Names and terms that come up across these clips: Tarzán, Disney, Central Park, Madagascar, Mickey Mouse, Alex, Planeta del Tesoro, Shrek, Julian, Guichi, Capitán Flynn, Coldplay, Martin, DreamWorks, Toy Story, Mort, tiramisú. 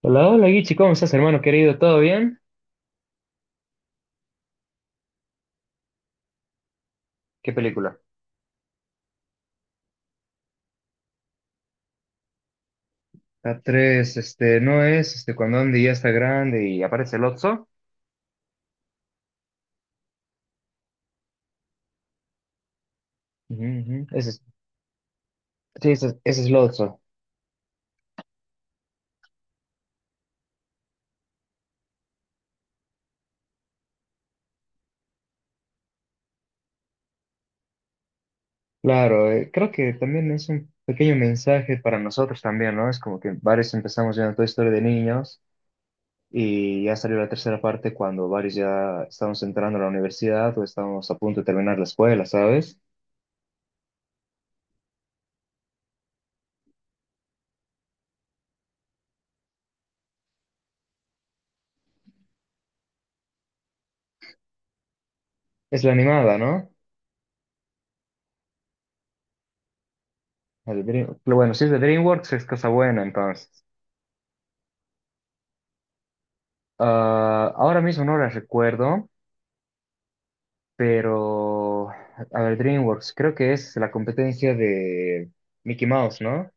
Hola, hola Guichi, ¿cómo estás, hermano querido? ¿Todo bien? ¿Qué película? La 3, no es, cuando Andy ya está grande y aparece Lotso. Ujú, ujú. Sí, ese es Lotso. Claro, creo que también es un pequeño mensaje para nosotros también, ¿no? Es como que varios empezamos viendo toda Toy Story de niños y ya salió la tercera parte cuando varios ya estamos entrando a la universidad o estamos a punto de terminar la escuela, ¿sabes? Es la animada, ¿no? Bueno, si es de DreamWorks es cosa buena, entonces. Ah, ahora mismo no las recuerdo, pero a ver, DreamWorks, creo que es la competencia de Mickey Mouse, ¿no?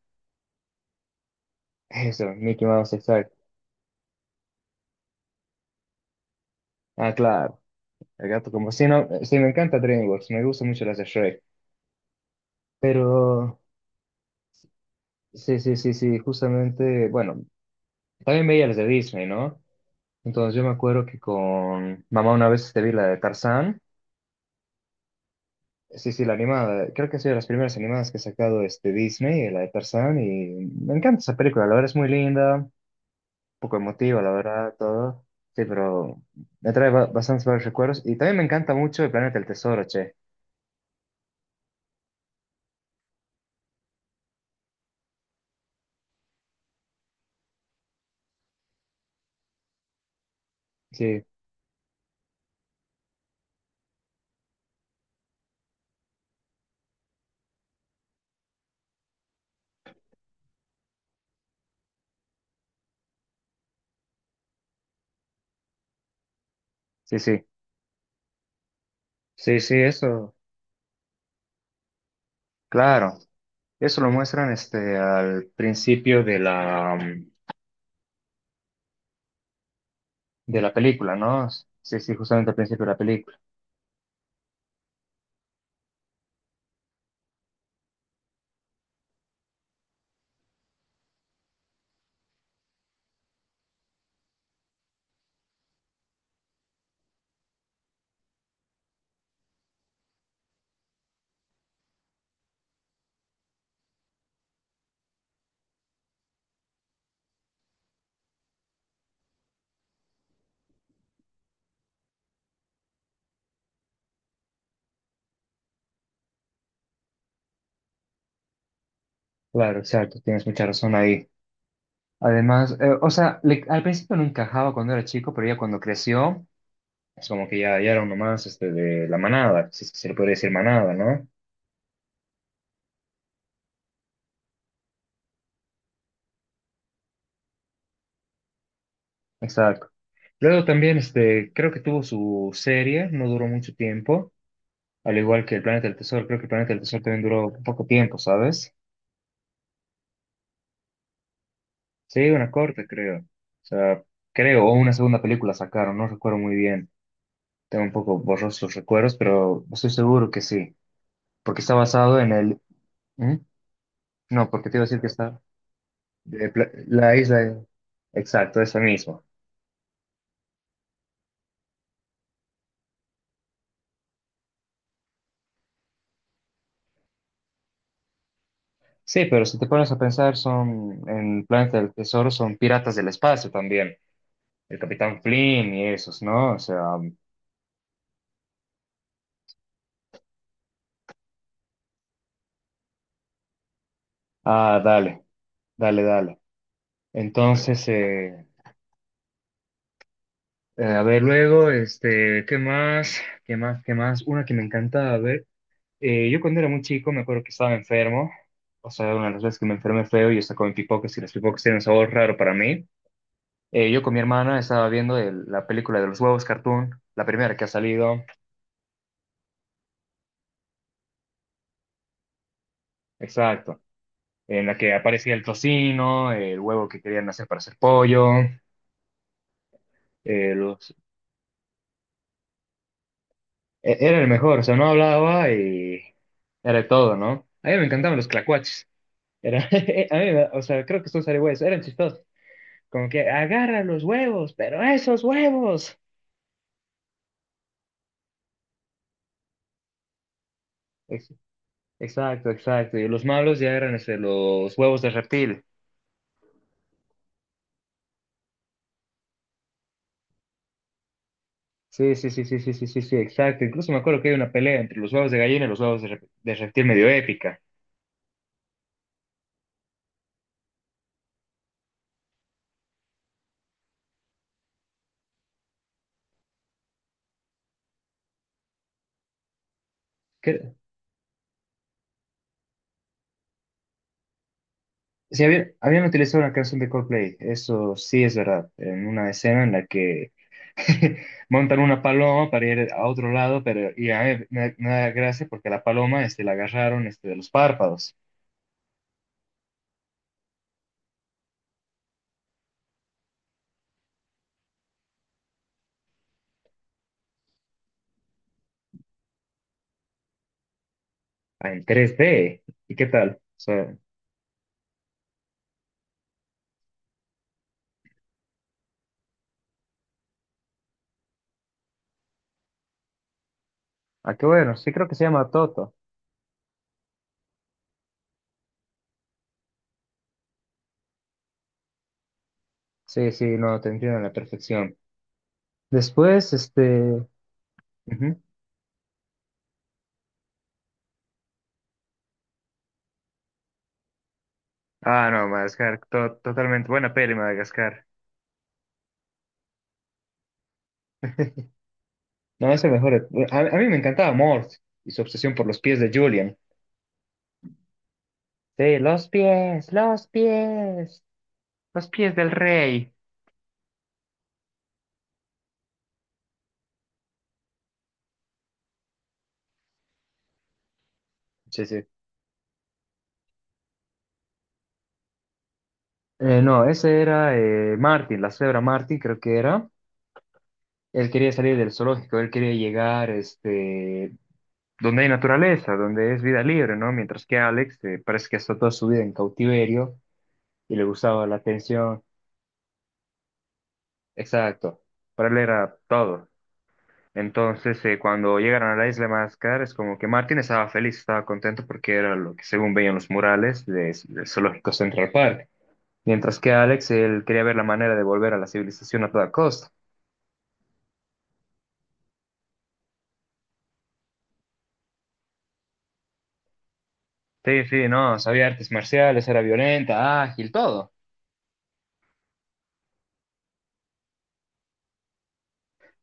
Eso, Mickey Mouse, exacto. Ah, claro, el gato como sí, no, sí, me encanta DreamWorks, me gustan mucho las de Shrek. Pero sí, sí, sí, sí, justamente, bueno, también veía las de Disney, ¿no? Entonces yo me acuerdo que con mamá una vez te vi la de Tarzán. Sí, sí, la animada. Creo que ha sido de las primeras animadas que ha sacado Disney, la de Tarzán, y me encanta esa película. La verdad es muy linda, un poco emotiva, la verdad, todo. Sí, pero me trae bastantes varios recuerdos. Y también me encanta mucho el Planeta del Tesoro, che. Sí, sí, sí. Sí, sí, eso. Claro. Eso lo muestran al principio de la película, ¿no? Sí, sí, justamente al principio de la película. Claro, exacto. Tienes mucha razón ahí. Además, o sea, al principio no encajaba cuando era chico, pero ya cuando creció, es como que ya era uno más de la manada, si es que se le puede decir manada, ¿no? Exacto. Luego también, creo que tuvo su serie, no duró mucho tiempo, al igual que el Planeta del Tesoro, creo que el Planeta del Tesoro también duró poco tiempo, ¿sabes? Sí, una corta, creo. O sea, creo, o una segunda película sacaron, no recuerdo muy bien. Tengo un poco borrosos los recuerdos, pero estoy seguro que sí, porque está basado en el. ¿Mm? No, porque te iba a decir que está. La isla. Exacto, eso mismo. Sí, pero si te pones a pensar, son en Planeta del Tesoro, son piratas del espacio también. El Capitán Flynn y esos, ¿no? O sea, ah, dale, dale, dale. Entonces, a ver, luego, ¿qué más? ¿Qué más? ¿Qué más? Una que me encantaba ver. Yo cuando era muy chico me acuerdo que estaba enfermo. O sea, una de las veces que me enfermé feo y yo estaba con pipoques y los pipocas tienen un sabor raro para mí. Yo con mi hermana estaba viendo la película de los huevos cartoon, la primera que ha salido, exacto, en la que aparecía el tocino, el huevo que querían hacer para hacer pollo. Eh, los- e- era el mejor, o sea, no hablaba y era de todo, ¿no? A mí me encantaban los clacuaches, era, o sea, creo que son zarigüeyas, eran chistosos, como que agarra los huevos, pero esos huevos. Ex- Exacto, exacto, y los malos ya eran los huevos de reptil. Sí, sí, sí, sí, sí, sí, sí, sí, exacto. Incluso me acuerdo que hay una pelea entre los huevos de gallina y los huevos de reptil medio épica. Que, sí, habían utilizado una canción de Coldplay, eso sí es verdad, en una escena en la que montan una paloma para ir a otro lado, pero y a mí me da gracia porque la paloma la agarraron de los párpados en 3D. ¿Y qué tal? O sea, ah, qué bueno, sí creo que se llama Toto. Sí, sí, no, te entiendo a la perfección. Después. Ujú. Ah, no, Madagascar, totalmente buena peli, Madagascar. No, es el mejor. A mí me encantaba Mort y su obsesión por los pies de Julian. Sí, los pies, los pies, los pies del rey. Sí, sí. No, ese era Martin, la cebra Martin, creo que era. Él quería salir del zoológico, él quería llegar donde hay naturaleza, donde es vida libre, ¿no? Mientras que Alex parece que está toda su vida en cautiverio y le gustaba la atención. Exacto, para él era todo. Entonces, cuando llegaron a la isla de Madagascar, es como que Martín estaba feliz, estaba contento porque era lo que según veían los murales del zoológico Central Park. Mientras que Alex, él quería ver la manera de volver a la civilización a toda costa. Sí, sí, no, sabía artes marciales, era violenta, ágil, todo.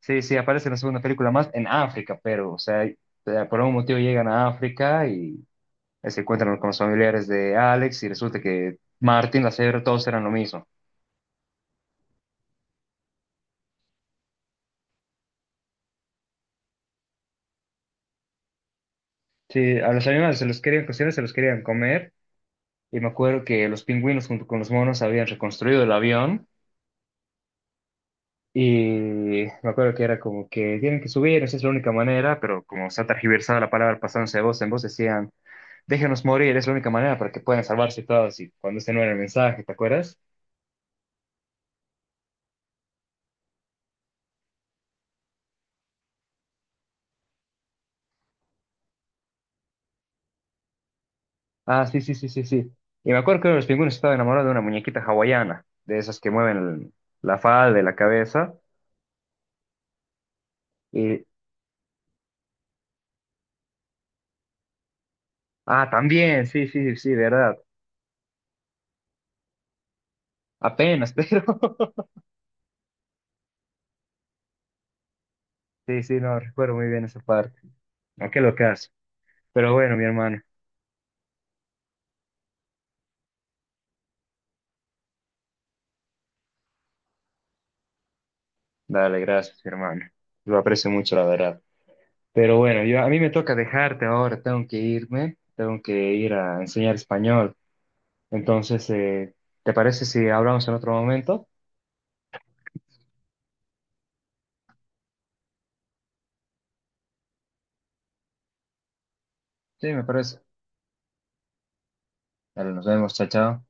Sí, sí, aparece en la segunda película más en África, pero, o sea, por algún motivo llegan a África y se encuentran con los familiares de Alex y resulta que Martín, la cebra, todos eran lo mismo. Sí, a los animales se los querían cocinar, se los querían comer. Y me acuerdo que los pingüinos junto con los monos habían reconstruido el avión. Y me acuerdo que era como que tienen que subir, esa es la única manera, pero como se ha tergiversado la palabra pasándose de voz en voz, decían, déjenos morir, es la única manera para que puedan salvarse todos. Y cuando ese no era el mensaje, ¿te acuerdas? Ah, sí, sí, sí, sí, sí. Y me acuerdo que uno de los pingüinos estaba enamorado de una muñequita hawaiana, de esas que mueven la falda de la cabeza. Y, ah, también, sí, sí, sí, verdad. Apenas, pero. Sí, sí, no, recuerdo muy bien esa parte. No, qué locazo. Pero bueno, mi hermano. Dale, gracias, mi hermano. Lo aprecio mucho, la verdad. Pero bueno, a mí me toca dejarte ahora, tengo que irme, tengo que ir a enseñar español. Entonces, ¿te parece si hablamos en otro momento? Sí, me parece. Dale, nos vemos, chao, chao.